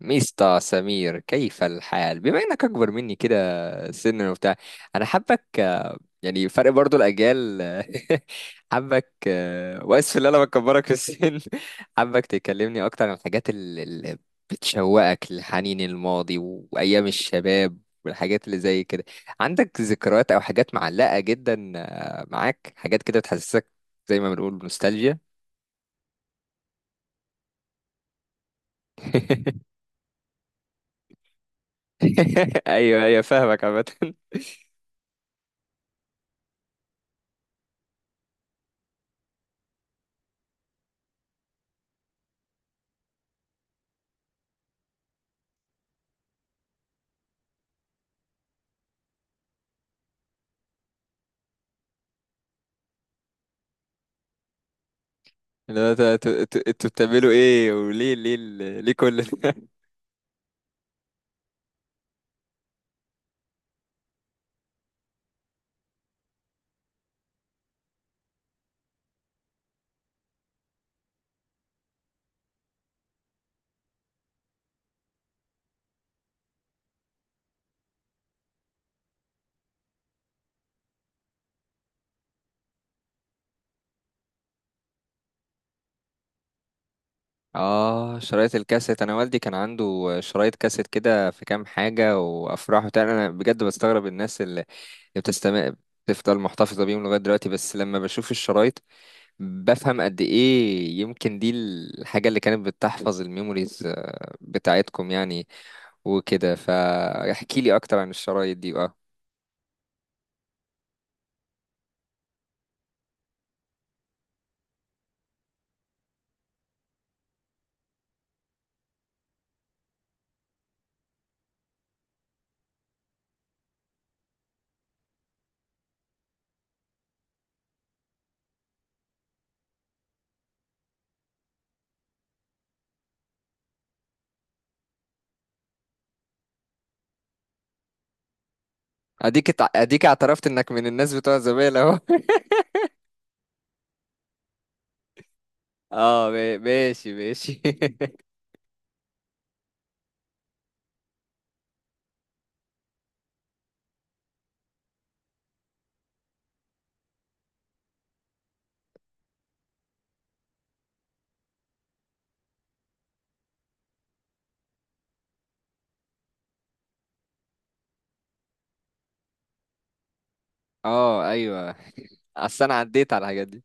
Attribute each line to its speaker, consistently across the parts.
Speaker 1: ميستا سمير، كيف الحال؟ بما انك اكبر مني كده سنا وبتاع، انا حابك. يعني فرق برضو الاجيال. حابك واسف ان انا بكبرك في السن. حابك تكلمني اكتر عن الحاجات اللي بتشوقك لحنين الماضي وايام الشباب والحاجات اللي زي كده. عندك ذكريات او حاجات معلقة جدا؟ معاك حاجات كده بتحسسك زي ما بنقول بنوستالجيا؟ ايوه ايوه، فاهمك عامة. اللي هو انتوا بتعملوا ايه؟ وليه ليه كل ده؟ اه، شرايط الكاسيت. انا والدي كان عنده شرايط كاسيت كده في كام حاجه وافراح وبتاع. انا بجد بستغرب الناس اللي بتستمع، بتفضل محتفظه بيهم لغايه دلوقتي. بس لما بشوف الشرايط بفهم قد ايه يمكن دي الحاجه اللي كانت بتحفظ الميموريز بتاعتكم يعني. وكده فاحكي لي اكتر عن الشرايط دي بقى. اديك اعترفت انك من الناس بتوع زمان اهو. اه، ماشي ماشي. اه ايوه، اصل انا عديت على الحاجات دي.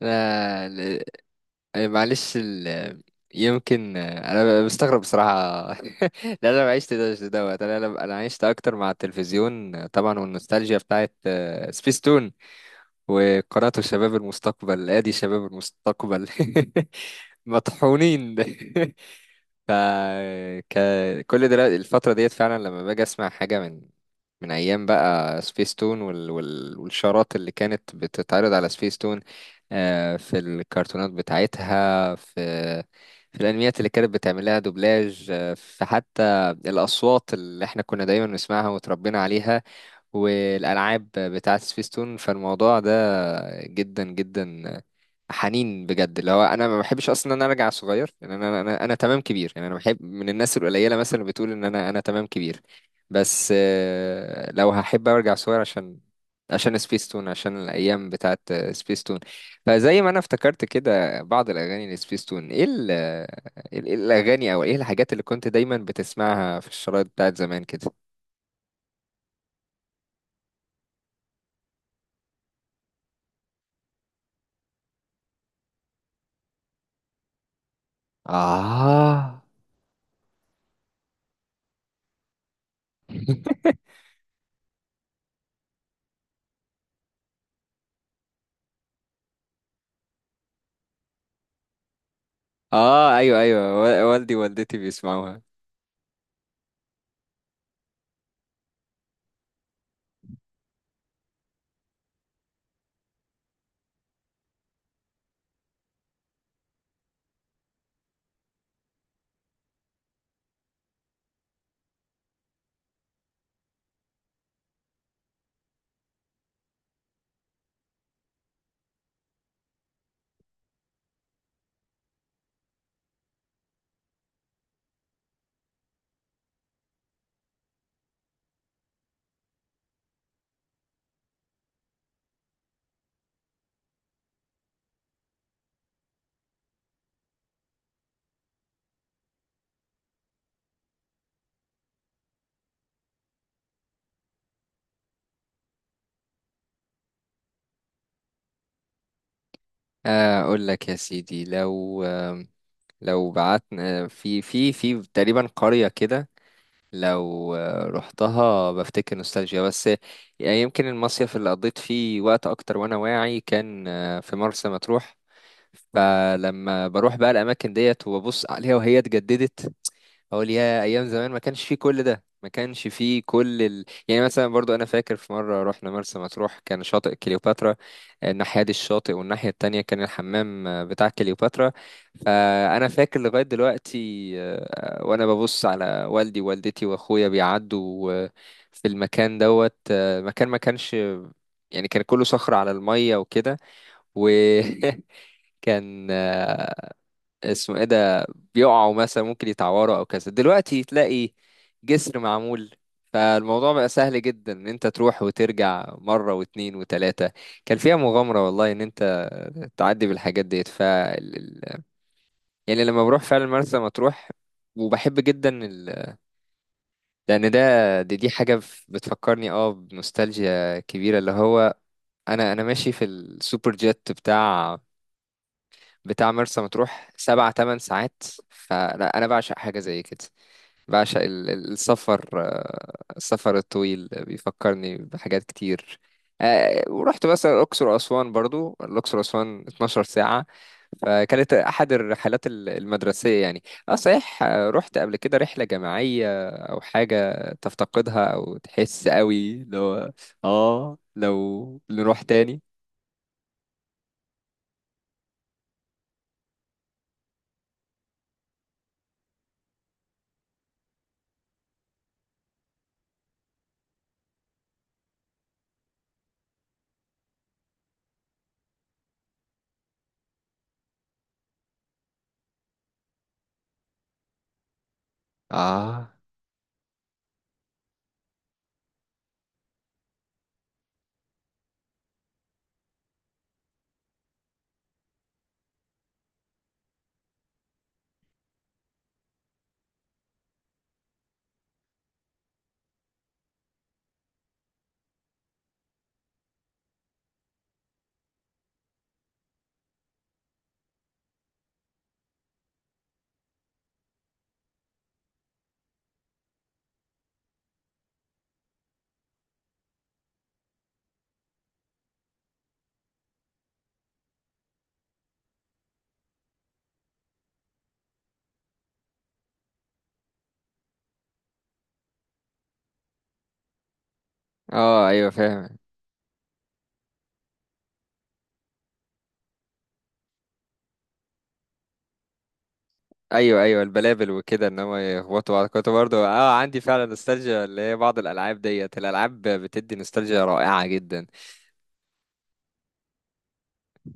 Speaker 1: لا ل- معلش يمكن انا مستغرب بصراحه. لا، انا ما عشت ده دوت. انا انا أنا عشت اكتر مع التلفزيون طبعا، والنوستالجيا بتاعت سبيستون وقناه شباب المستقبل. ادي شباب المستقبل. مطحونين. ف ك... كل دلوقتي الفترة ديت، فعلا لما باجي اسمع حاجة من ايام بقى سبيس تون والشارات اللي كانت بتتعرض على سبيس تون، في الكرتونات بتاعتها، في في الانميات اللي كانت بتعمل لها دوبلاج، في حتى الاصوات اللي احنا كنا دايما نسمعها وتربينا عليها، والالعاب بتاعت سبيس تون. فالموضوع ده جدا جدا حنين بجد. اللي هو انا ما بحبش اصلا ان انا ارجع صغير، يعني انا تمام كبير. يعني انا بحب من الناس القليله مثلا اللي بتقول ان انا تمام كبير. بس لو هحب ارجع صغير عشان عشان سبيستون، عشان الايام بتاعت سبيستون. فزي ما انا افتكرت كده بعض الاغاني لسبيستون، ايه ال- إيه ال- إيه الاغاني او ايه الحاجات اللي كنت دايما بتسمعها في الشرايط بتاعت زمان كده؟ اه. اه ايوه ايوه، والدي ووالدتي بيسمعوها. اقول لك يا سيدي، لو لو بعتنا في في تقريبا قرية كده، لو رحتها بفتكر نوستالجيا. بس يعني يمكن المصيف اللي قضيت فيه وقت اكتر وانا واعي كان في مرسى مطروح. فلما بروح بقى الاماكن ديت وببص عليها وهي اتجددت، اقول يا ايام زمان، ما كانش فيه كل ده، ما كانش فيه يعني مثلا، برضو انا فاكر في مره رحنا مرسى مطروح كان شاطئ كليوباترا، الناحيه دي الشاطئ، والناحيه التانية كان الحمام بتاع كليوباترا. فانا فاكر لغايه دلوقتي وانا ببص على والدي ووالدتي واخويا بيعدوا في المكان دوت. مكان ما كانش، يعني كان كله صخر على الميه وكده. وكان اسمه ايه ده، بيقعوا مثلا ممكن يتعوروا او كذا. دلوقتي تلاقي جسر معمول، فالموضوع بقى سهل جدا ان انت تروح وترجع مرة واتنين وتلاتة. كان فيها مغامرة والله ان انت تعدي بالحاجات ديت. يعني لما بروح فعلا مرسى مطروح وبحب جدا لان ده، دي حاجة بتفكرني اه بنوستالجيا كبيرة. اللي هو انا انا ماشي في السوبر جيت بتاع بتاع مرسى مطروح سبع تمن ساعات. فلا، انا بعشق حاجه زي كده. بعشق السفر. السفر الطويل بيفكرني بحاجات كتير. ورحت مثلا الأقصر وأسوان، برضو الأقصر وأسوان 12 ساعة. فكانت أحد الرحلات المدرسية يعني. أه صحيح، رحت قبل كده رحلة جماعية أو حاجة تفتقدها أو تحس قوي اللي هو آه لو نروح تاني؟ آه. آه أيوة، فاهم. ايوه ايوه، البلابل وكده، ان هم يخبطوا بعض. كنت برضه اه عندي فعلا نوستالجيا اللي هي بعض الالعاب ديت. الالعاب بتدي نوستالجيا رائعه جدا.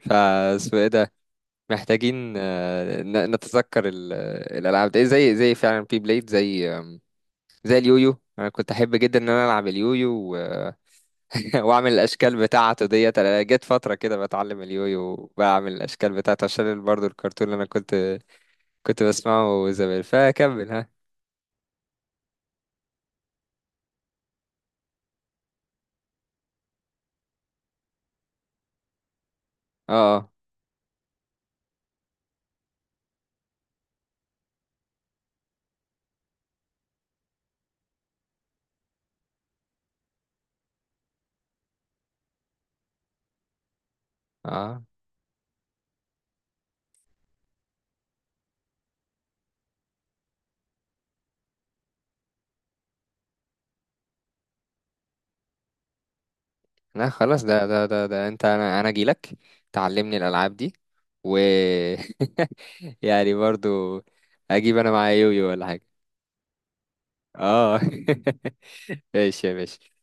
Speaker 1: فاسمه ايه ده؟ محتاجين نتذكر الالعاب دي زي زي فعلا بي بليد، زي زي اليويو. انا كنت احب جدا ان انا العب اليويو واعمل الاشكال بتاعته ديت. انا جت فتره كده بتعلم اليويو وبعمل الاشكال بتاعته عشان برضه الكرتون اللي انا كنت بسمعه زمان. فكمل ها. اه. اه لا خلاص ده ده، انت انا انا اجيلك تعلمني الالعاب دي و يعني برضو اجيب انا معايا يويو ولا حاجه؟ اه. ماشي يا باشا.